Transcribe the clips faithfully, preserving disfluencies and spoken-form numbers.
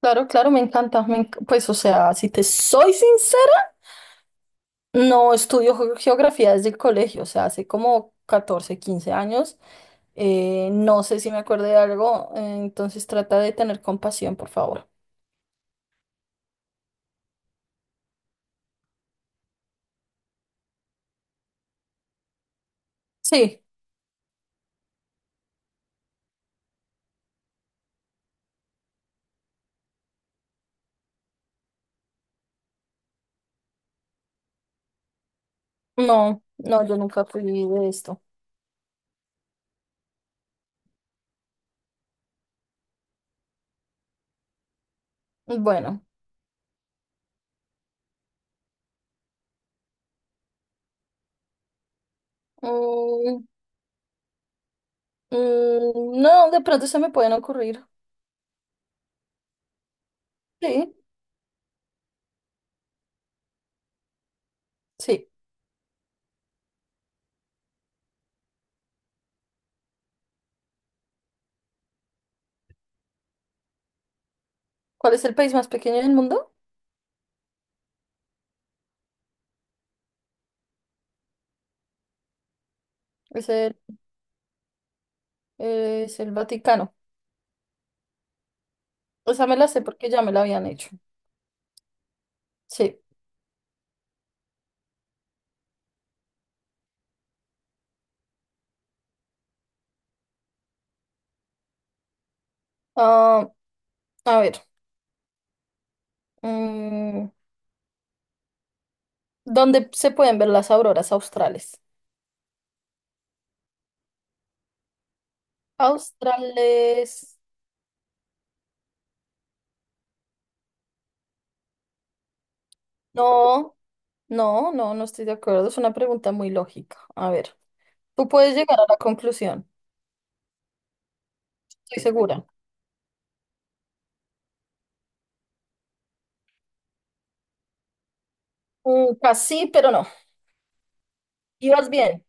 Claro, claro, me encanta. Me enc- pues, o sea, si te soy sincera, no estudio ge- geografía desde el colegio, o sea, hace como catorce, quince años. Eh, no sé si me acuerdo de algo, eh, entonces trata de tener compasión, por favor. Sí, no, no, yo nunca fui de esto. Bueno, mm, mm, no, de pronto se me pueden ocurrir. Sí, sí. ¿Cuál es el país más pequeño del mundo? Es el, es el Vaticano. Esa me la sé porque ya me la habían hecho. Sí. Ah, a ver, mm, ¿dónde se pueden ver las auroras australes? Australes. No, no, no, no estoy de acuerdo. Es una pregunta muy lógica. A ver, tú puedes llegar a la conclusión, estoy segura. Mm, casi, pero no. Ibas bien.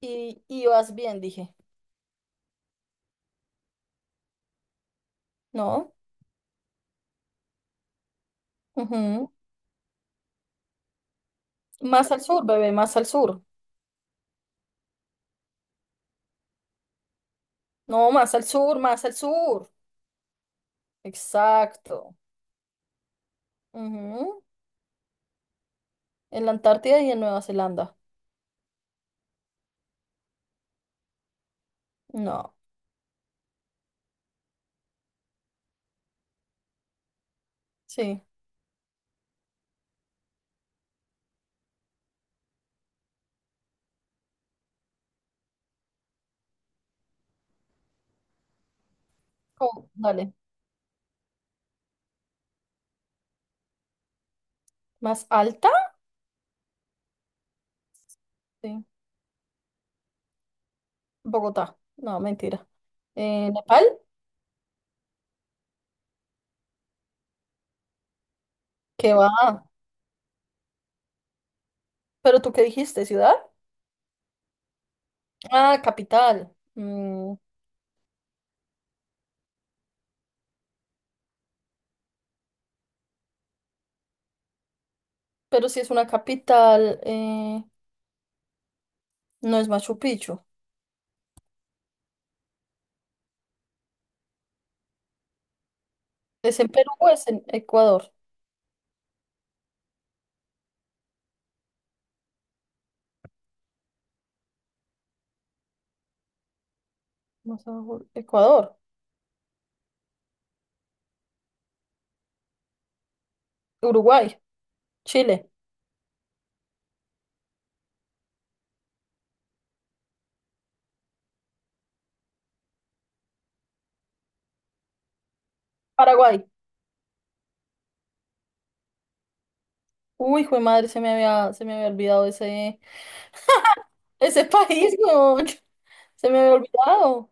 Y ibas bien, dije. No. Ujú. Más al sur, bebé, más al sur. No, más al sur, más al sur. Exacto. Ujú. En la Antártida y en Nueva Zelanda. No. Sí. ¿Cómo? Dale. ¿Más alta? Sí, Bogotá. No, mentira. Eh, Nepal, ¿qué va? ¿Pero tú qué dijiste? ¿Ciudad? Ah, capital. Mm, pero si es una capital, eh, no es Machu Picchu. ¿Es en Perú o es en Ecuador? Más abajo, Ecuador, Uruguay, Chile, Paraguay. Uy, hijo de madre, se me había, se me había olvidado ese, ese país, weón. Se me había olvidado.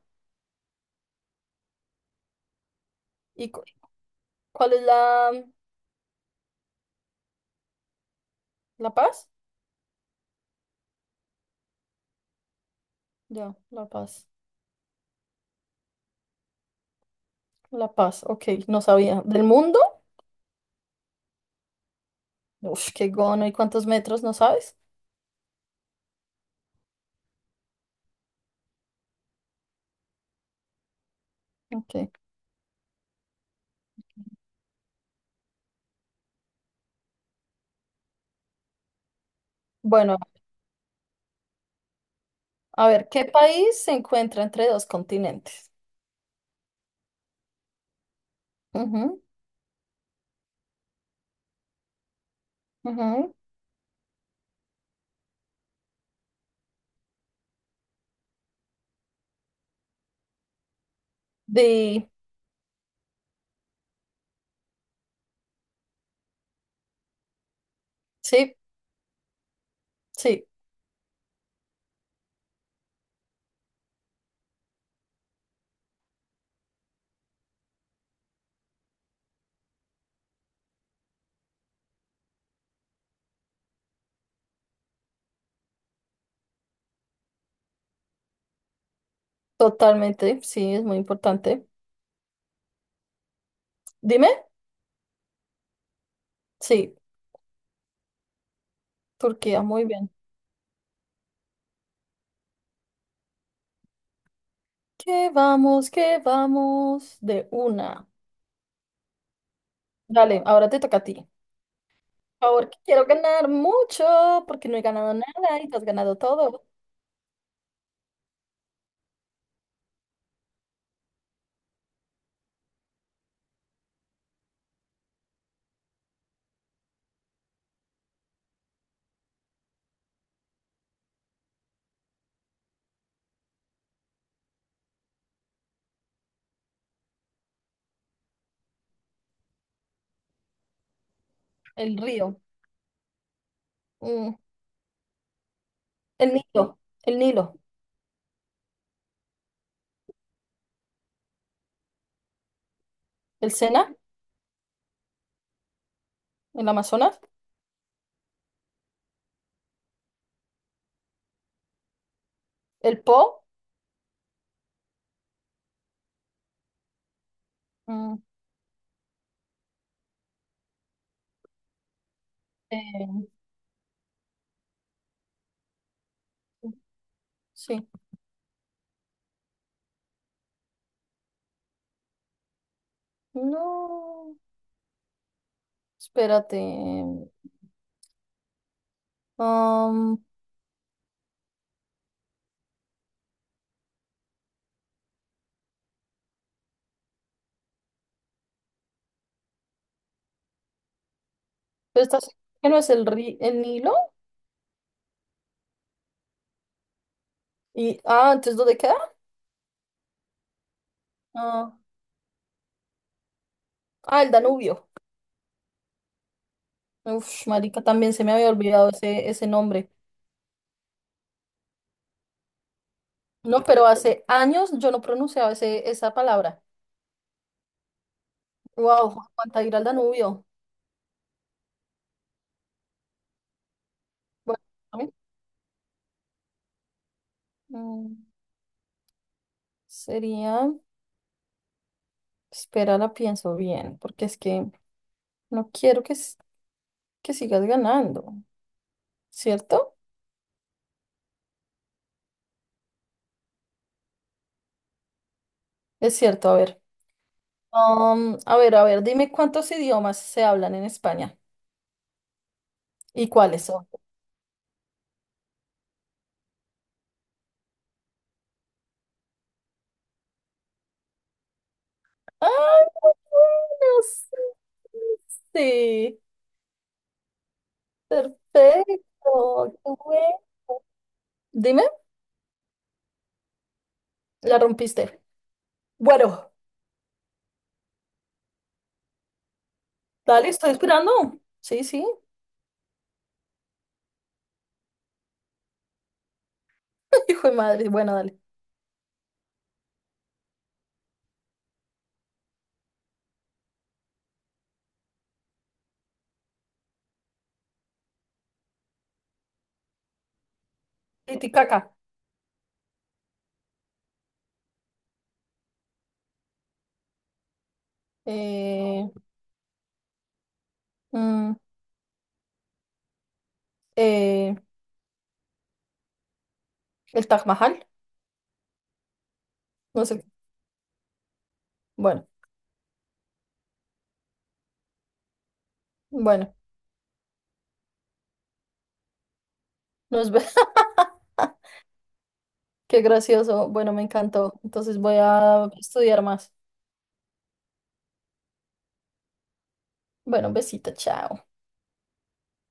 ¿Y cu- cuál es la, La Paz? Ya, La Paz. La Paz, ok, no sabía. ¿Del mundo? Uf, qué gono. ¿Y cuántos metros? ¿No sabes? Ok. Bueno, a ver, ¿qué país se encuentra entre dos continentes? Ujú, ujú. Di- Sí, sí, totalmente. Sí, es muy importante. Dime. Sí, Turquía, muy bien. ¿Qué vamos? ¿Qué vamos? De una. Dale, ahora te toca a ti. Por favor, que quiero ganar mucho porque no he ganado nada y te has ganado todo. El río, mm, el Nilo, el Nilo, el Sena, el Amazonas, el Po. Mm, eh, sí. No, espérate. Um, pero estás, ¿qué no es el, ri- el Nilo? Y, ah, ¿entonces dónde queda? Ah, ah, el Danubio. Uf, marica, también se me había olvidado ese, ese nombre. No, pero hace años yo no pronunciaba ese, esa palabra. Wow, cuánta ir al Danubio. Bueno, a mí, mm, sería, espera, la pienso bien, porque es que no quiero que, s- que sigas ganando, ¿cierto? Es cierto, a ver. Um, a ver, a ver, dime cuántos idiomas se hablan en España y cuáles son. ¡Ay, muy bueno! Sí, sí, perfecto. Qué bueno. Dime, la rompiste. Bueno, dale, estoy esperando. Sí, sí. Hijo de madre, bueno, dale. Titicaca. Eh, mm, eh, el Taj Mahal. No sé. Bueno, bueno, nos vemos. Qué gracioso. Bueno, me encantó. Entonces voy a estudiar más. Bueno, un besito, chao.